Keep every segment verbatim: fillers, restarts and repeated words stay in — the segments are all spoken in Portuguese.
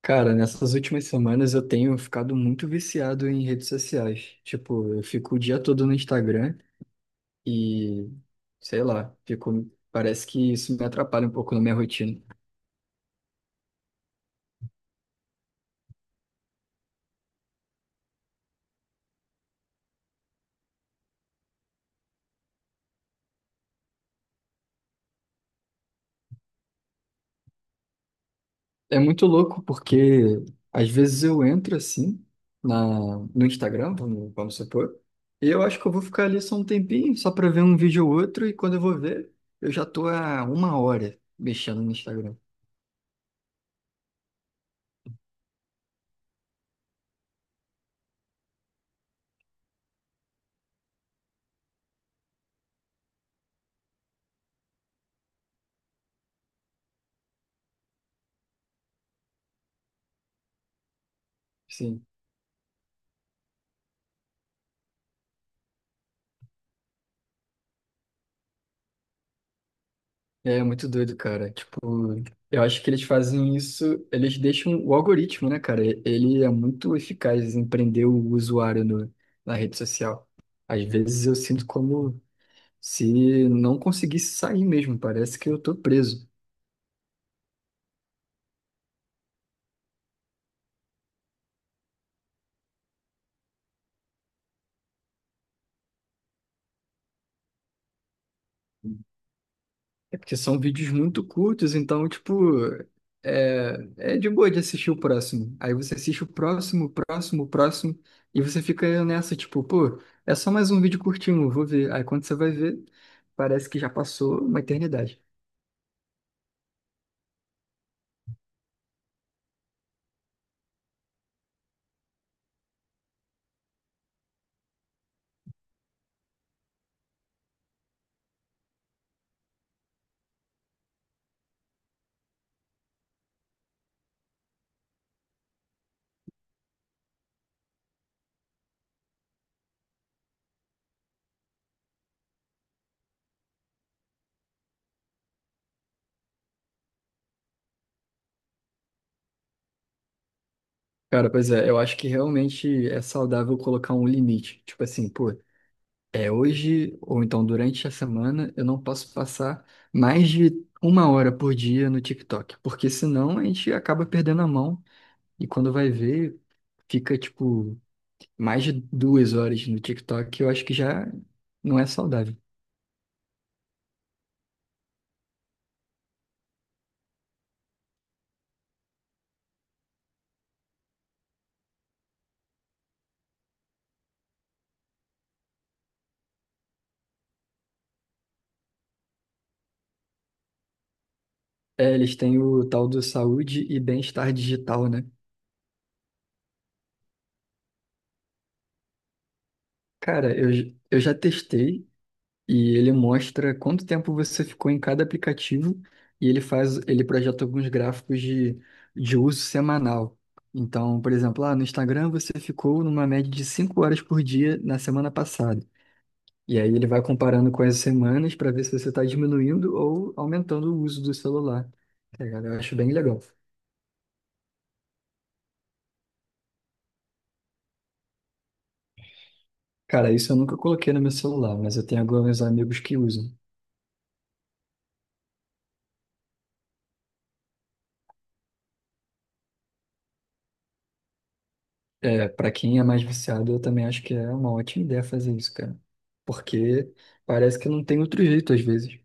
Cara, nessas últimas semanas eu tenho ficado muito viciado em redes sociais. Tipo, eu fico o dia todo no Instagram e, sei lá, fico, parece que isso me atrapalha um pouco na minha rotina. É muito louco porque às vezes eu entro assim na, no Instagram, vamos, vamos supor, e eu acho que eu vou ficar ali só um tempinho, só pra ver um vídeo ou outro, e quando eu vou ver, eu já tô há uma hora mexendo no Instagram. Sim. É muito doido, cara. Tipo, eu acho que eles fazem isso, eles deixam o algoritmo, né, cara? Ele é muito eficaz em prender o usuário no, na rede social. Às vezes eu sinto como se não conseguisse sair mesmo, parece que eu tô preso. É porque são vídeos muito curtos, então, tipo, é, é de boa de assistir o próximo. Aí você assiste o próximo, o próximo, o próximo, e você fica nessa, tipo, pô, é só mais um vídeo curtinho, vou ver. Aí quando você vai ver, parece que já passou uma eternidade. Cara, pois é, eu acho que realmente é saudável colocar um limite. Tipo assim, pô, é hoje, ou então durante a semana, eu não posso passar mais de uma hora por dia no TikTok, porque senão a gente acaba perdendo a mão. E quando vai ver, fica tipo mais de duas horas no TikTok, eu acho que já não é saudável. É, eles têm o tal do saúde e bem-estar digital, né? Cara, eu, j- eu já testei e ele mostra quanto tempo você ficou em cada aplicativo e ele faz, ele projeta alguns gráficos de, de uso semanal. Então, por exemplo, lá no Instagram você ficou numa média de cinco horas por dia na semana passada. E aí ele vai comparando com as semanas para ver se você está diminuindo ou aumentando o uso do celular. Tá ligado? Eu acho bem legal. Cara, isso eu nunca coloquei no meu celular, mas eu tenho alguns amigos que usam. É, para quem é mais viciado, eu também acho que é uma ótima ideia fazer isso, cara. Porque parece que não tem outro jeito às vezes.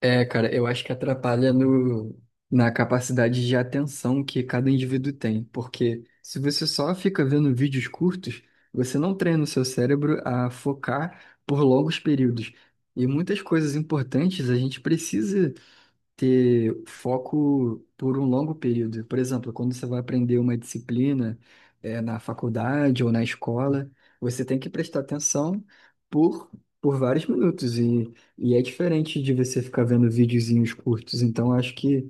É, cara, eu acho que atrapalha no, na capacidade de atenção que cada indivíduo tem, porque se você só fica vendo vídeos curtos, você não treina o seu cérebro a focar por longos períodos. E muitas coisas importantes a gente precisa ter foco por um longo período. Por exemplo, quando você vai aprender uma disciplina, eh, na faculdade ou na escola, você tem que prestar atenção por, por vários minutos. E, e é diferente de você ficar vendo videozinhos curtos. Então, acho que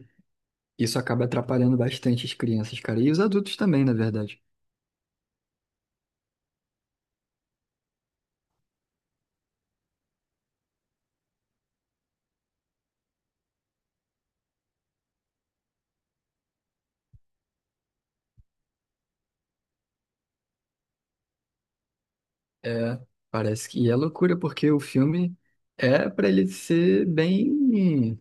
isso acaba atrapalhando bastante as crianças, cara. E os adultos também, na verdade. É, parece que e é loucura, porque o filme é para ele ser bem.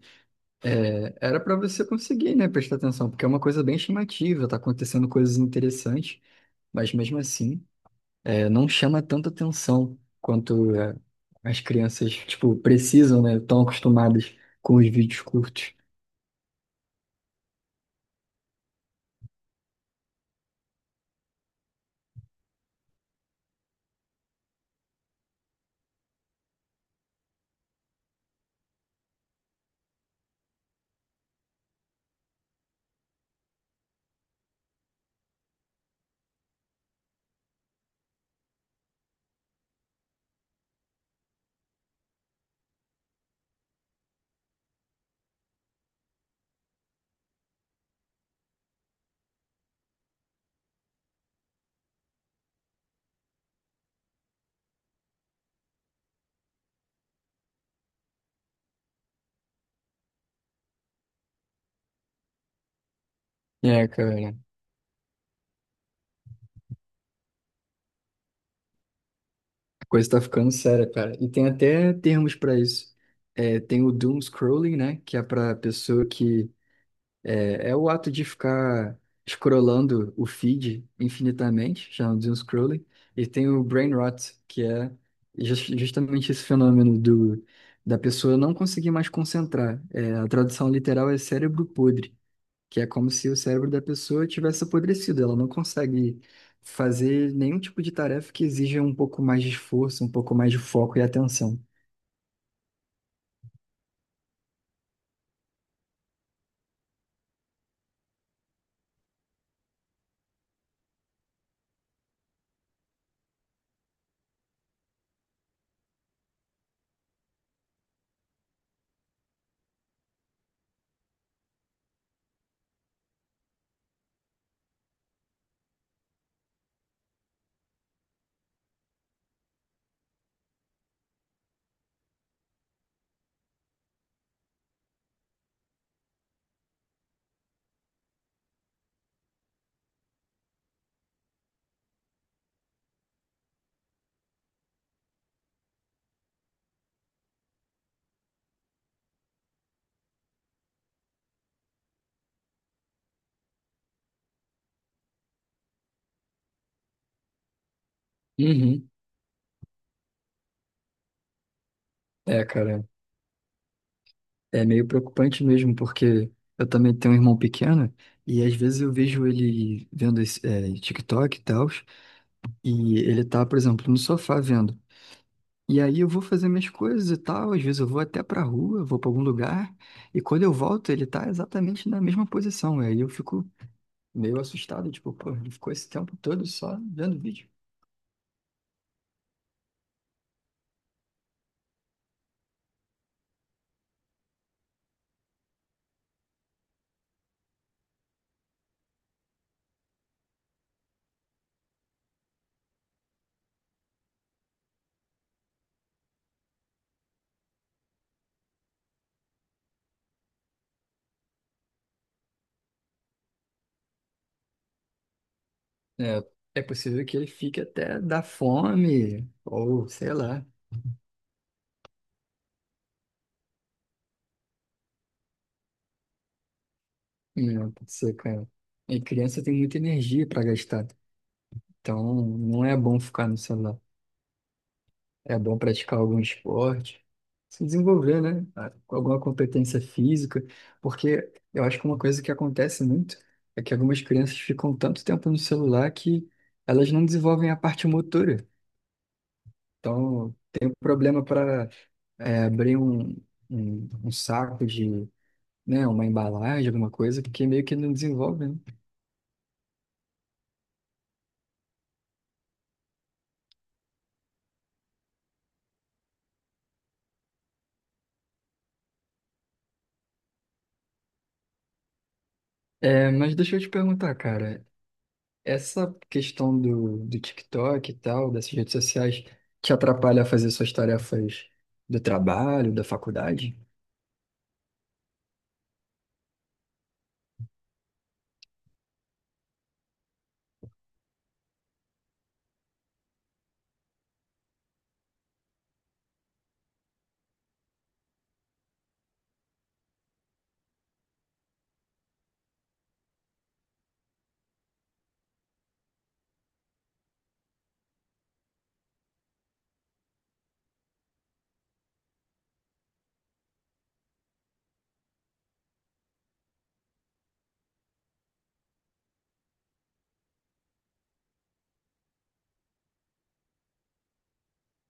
É, era para você conseguir, né, prestar atenção, porque é uma coisa bem chamativa, tá acontecendo coisas interessantes, mas mesmo assim, é, não chama tanta atenção quanto é, as crianças, tipo, precisam, né, estão acostumadas com os vídeos curtos. É, cara, a coisa tá ficando séria, cara. E tem até termos para isso. É, tem o doom scrolling, né, que é para pessoa que. É, é o ato de ficar scrollando o feed infinitamente, chamado de um scrolling, e tem o brain rot, que é jus- justamente esse fenômeno do, da pessoa não conseguir mais concentrar. É, a tradução literal é cérebro podre, que é como se o cérebro da pessoa tivesse apodrecido, ela não consegue fazer nenhum tipo de tarefa que exija um pouco mais de esforço, um pouco mais de foco e atenção. Uhum. É, cara, é meio preocupante mesmo, porque eu também tenho um irmão pequeno e às vezes eu vejo ele vendo esse, é, TikTok e tal, e ele tá, por exemplo, no sofá vendo. E aí eu vou fazer minhas coisas e tal, às vezes eu vou até pra rua, vou pra algum lugar, e quando eu volto ele tá exatamente na mesma posição. E aí eu fico meio assustado, tipo, pô, ele ficou esse tempo todo só vendo vídeo. É, é possível que ele fique até da fome, ou sei lá, né, pode ser, cara. E criança tem muita energia pra gastar. Então, não é bom ficar no celular. É bom praticar algum esporte, se desenvolver, né? Com alguma competência física, porque eu acho que uma coisa que acontece muito é que algumas crianças ficam tanto tempo no celular que elas não desenvolvem a parte motora. Então, tem um problema para abrir um, um, um saco de, né, uma embalagem, alguma coisa, porque meio que não desenvolve, né? É, mas deixa eu te perguntar, cara. Essa questão do, do TikTok e tal, dessas redes sociais, te atrapalha a fazer suas tarefas do trabalho, da faculdade?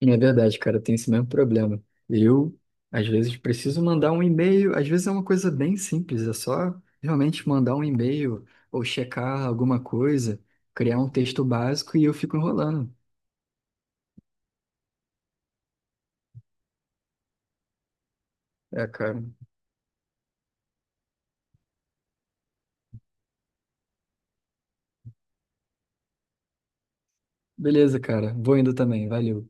Não, é verdade, cara, tem esse mesmo problema. Eu, às vezes, preciso mandar um e-mail, às vezes é uma coisa bem simples, é só realmente mandar um e-mail ou checar alguma coisa, criar um texto básico e eu fico enrolando. É, cara. Beleza, cara, vou indo também, valeu.